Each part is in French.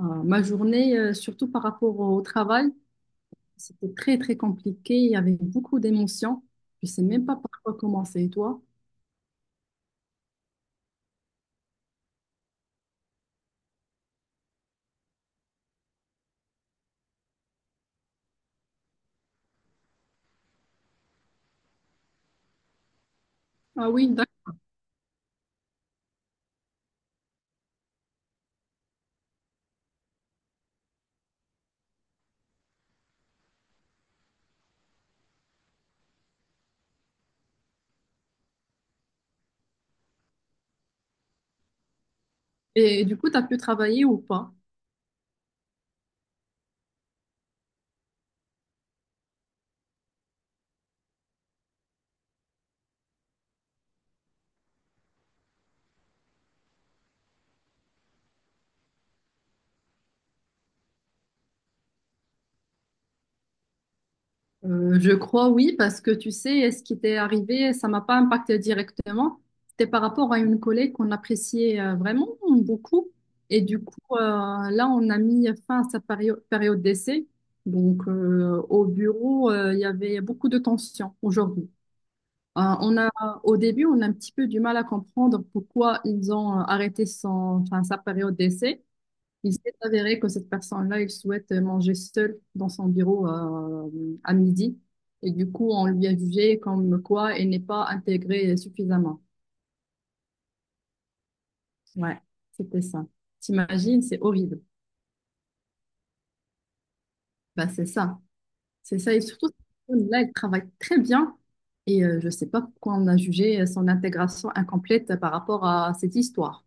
Ma journée, surtout par rapport au travail, c'était très, très compliqué. Il y avait beaucoup d'émotions. Je sais même pas par quoi commencer. Et toi? Ah oui, d'accord. Et du coup, tu as pu travailler ou pas? Je crois oui, parce que tu sais, ce qui t'est arrivé, ça m'a pas impacté directement. C'était par rapport à une collègue qu'on appréciait vraiment beaucoup. Et du coup, là, on a mis fin à sa période d'essai. Donc, au bureau, il y avait beaucoup de tension aujourd'hui. Euh, on a, au début, on a un petit peu du mal à comprendre pourquoi ils ont arrêté son, enfin, sa période d'essai. Il s'est avéré que cette personne-là, il souhaite manger seule dans son bureau à midi. Et du coup, on lui a jugé comme quoi elle n'est pas intégrée suffisamment. Ouais, c'était ça. T'imagines, c'est horrible. Bah, c'est ça. C'est ça. Et surtout, là, elle travaille très bien. Et je ne sais pas pourquoi on a jugé son intégration incomplète par rapport à cette histoire.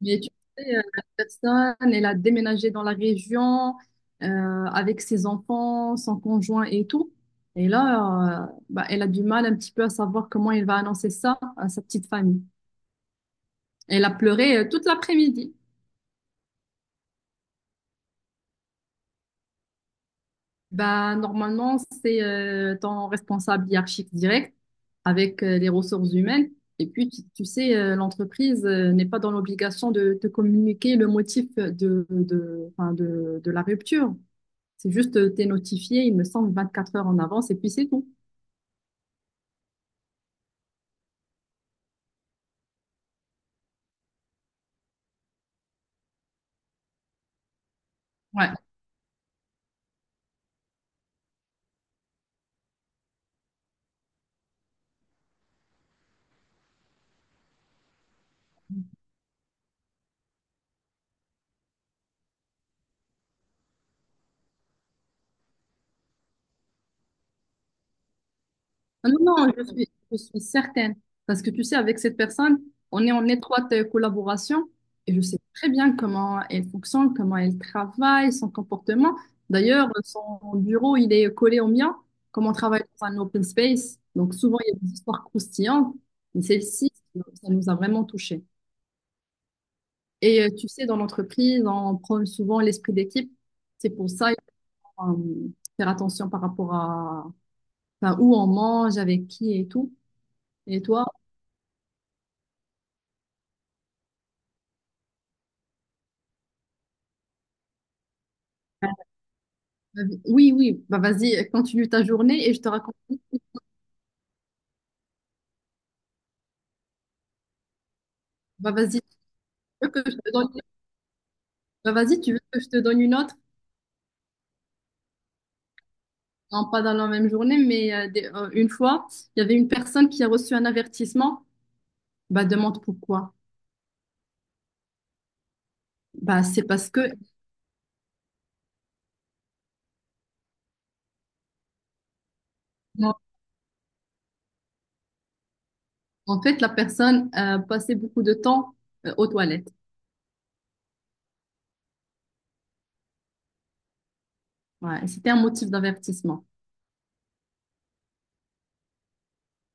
Mais tu sais, la personne, elle a déménagé dans la région avec ses enfants, son conjoint et tout. Et là, bah, elle a du mal un petit peu à savoir comment elle va annoncer ça à sa petite famille. Elle a pleuré toute l'après-midi. Bah, normalement, c'est ton responsable hiérarchique direct avec les ressources humaines. Et puis, tu sais, l'entreprise n'est pas dans l'obligation de te communiquer le motif enfin, de la rupture. C'est juste, t'es notifié, il me semble, 24 heures en avance et puis c'est tout. Ouais. Ah non, non, je suis certaine. Parce que tu sais, avec cette personne, on est en étroite collaboration et je sais très bien comment elle fonctionne, comment elle travaille, son comportement. D'ailleurs, son bureau, il est collé au mien, comme on travaille dans un open space. Donc souvent, il y a des histoires croustillantes, mais celle-ci, ça nous a vraiment touchés. Et tu sais, dans l'entreprise, on prône souvent l'esprit d'équipe. C'est pour ça euh, faire attention par rapport à enfin, où on mange, avec qui et tout. Et toi? Oui, oui, bah vas-y, continue ta journée et je te raconte. Bah vas-y, tu veux que je te donne... Bah vas-y, tu veux que je te donne une autre? Non, pas dans la même journée, mais une fois, il y avait une personne qui a reçu un avertissement. Bah demande pourquoi. Bah c'est parce que en en fait la personne passait beaucoup de temps aux toilettes. Ouais, c'était un motif d'avertissement.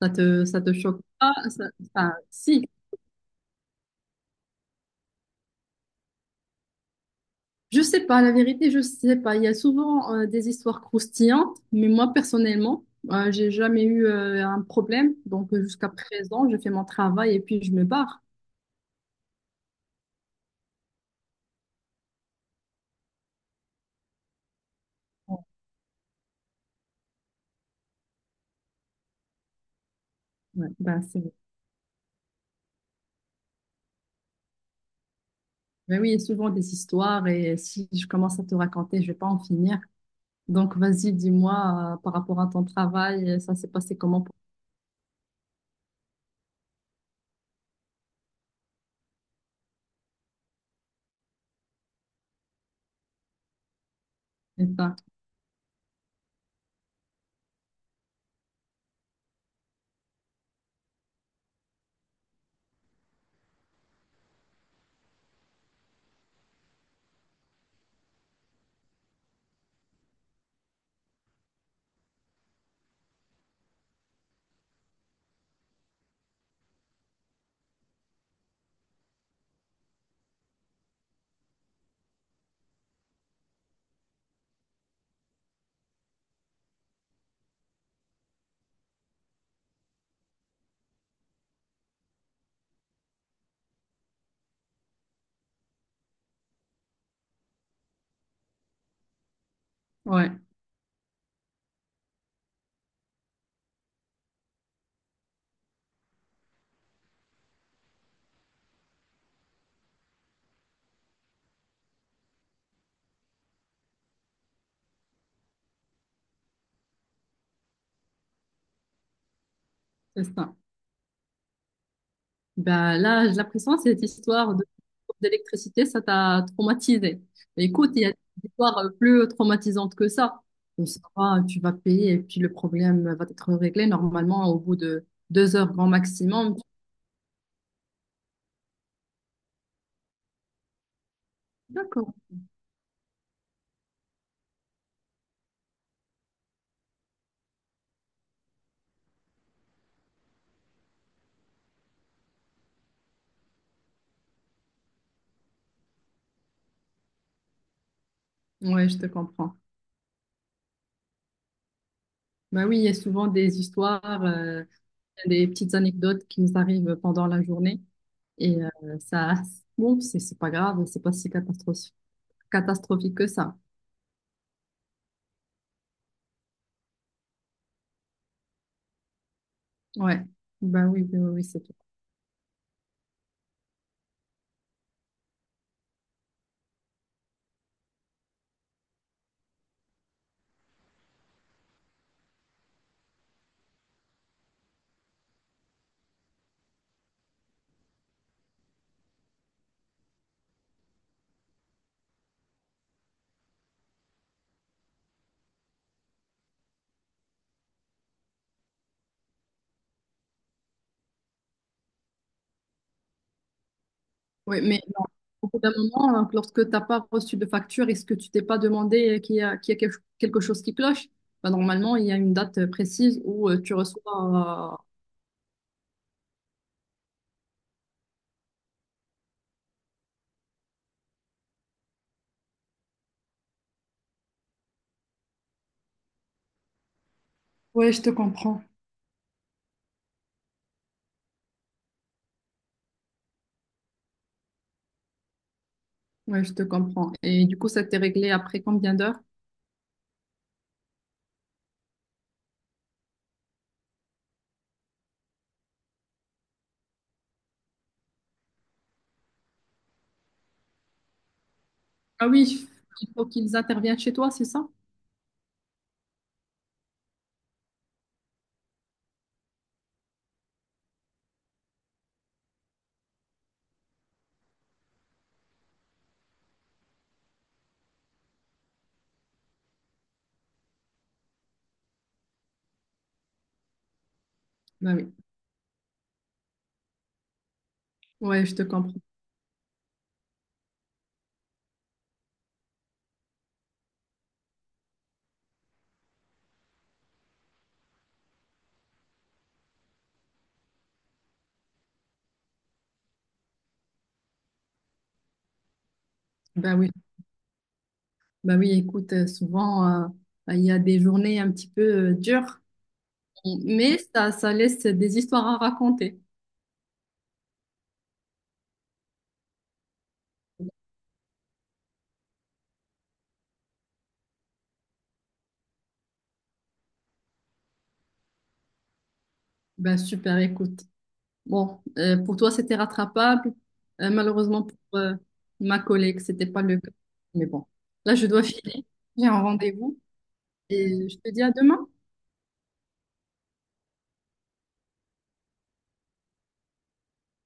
Ça te choque pas? Ça- enfin, si. Je sais pas, la vérité, je sais pas. Il y a souvent des histoires croustillantes, mais moi personnellement, j'ai jamais eu un problème. Donc jusqu'à présent, je fais mon travail et puis je me barre. Ouais, ben, c'est... Ben oui, il y a souvent des histoires et si je commence à te raconter, je vais pas en finir. Donc vas-y, dis-moi par rapport à ton travail, ça s'est passé comment pour ça? Ouais, c'est ça. Ben là, j'ai l'impression que cette histoire de- d'électricité, ça t'a traumatisé. Mais écoute, il y a des histoires plus traumatisantes que ça. Comme ça, tu vas payer et puis le problème va être réglé normalement au bout de 2 heures grand maximum. D'accord. Ouais, je te comprends. Ben oui, il y a souvent des histoires, des petites anecdotes qui nous arrivent pendant la journée. Et ça, bon, c'est pas grave, c'est pas si catastrophique que ça. Ouais. Ben oui, oui, c'est tout. Oui, mais au bout d'un moment, lorsque tu n'as pas reçu de facture, est-ce que tu t'es pas demandé qu'il y a quelque chose qui cloche? Bah, normalement, il y a une date précise où tu reçois. Ouais, je te comprends. Ouais, je te comprends. Et du coup, ça t'est réglé après combien d'heures? Ah oui, il faut qu'ils interviennent chez toi, c'est ça? Bah oui. Ouais, je te comprends. Bah oui. Bah oui, écoute, souvent, bah, il y a des journées un petit peu dures, mais ça laisse des histoires à raconter. Bah super, écoute. Bon, pour toi, c'était rattrapable. Malheureusement, pour ma collègue, c'était pas le cas. Mais bon, là, je dois filer. J'ai un rendez-vous et je te dis à demain.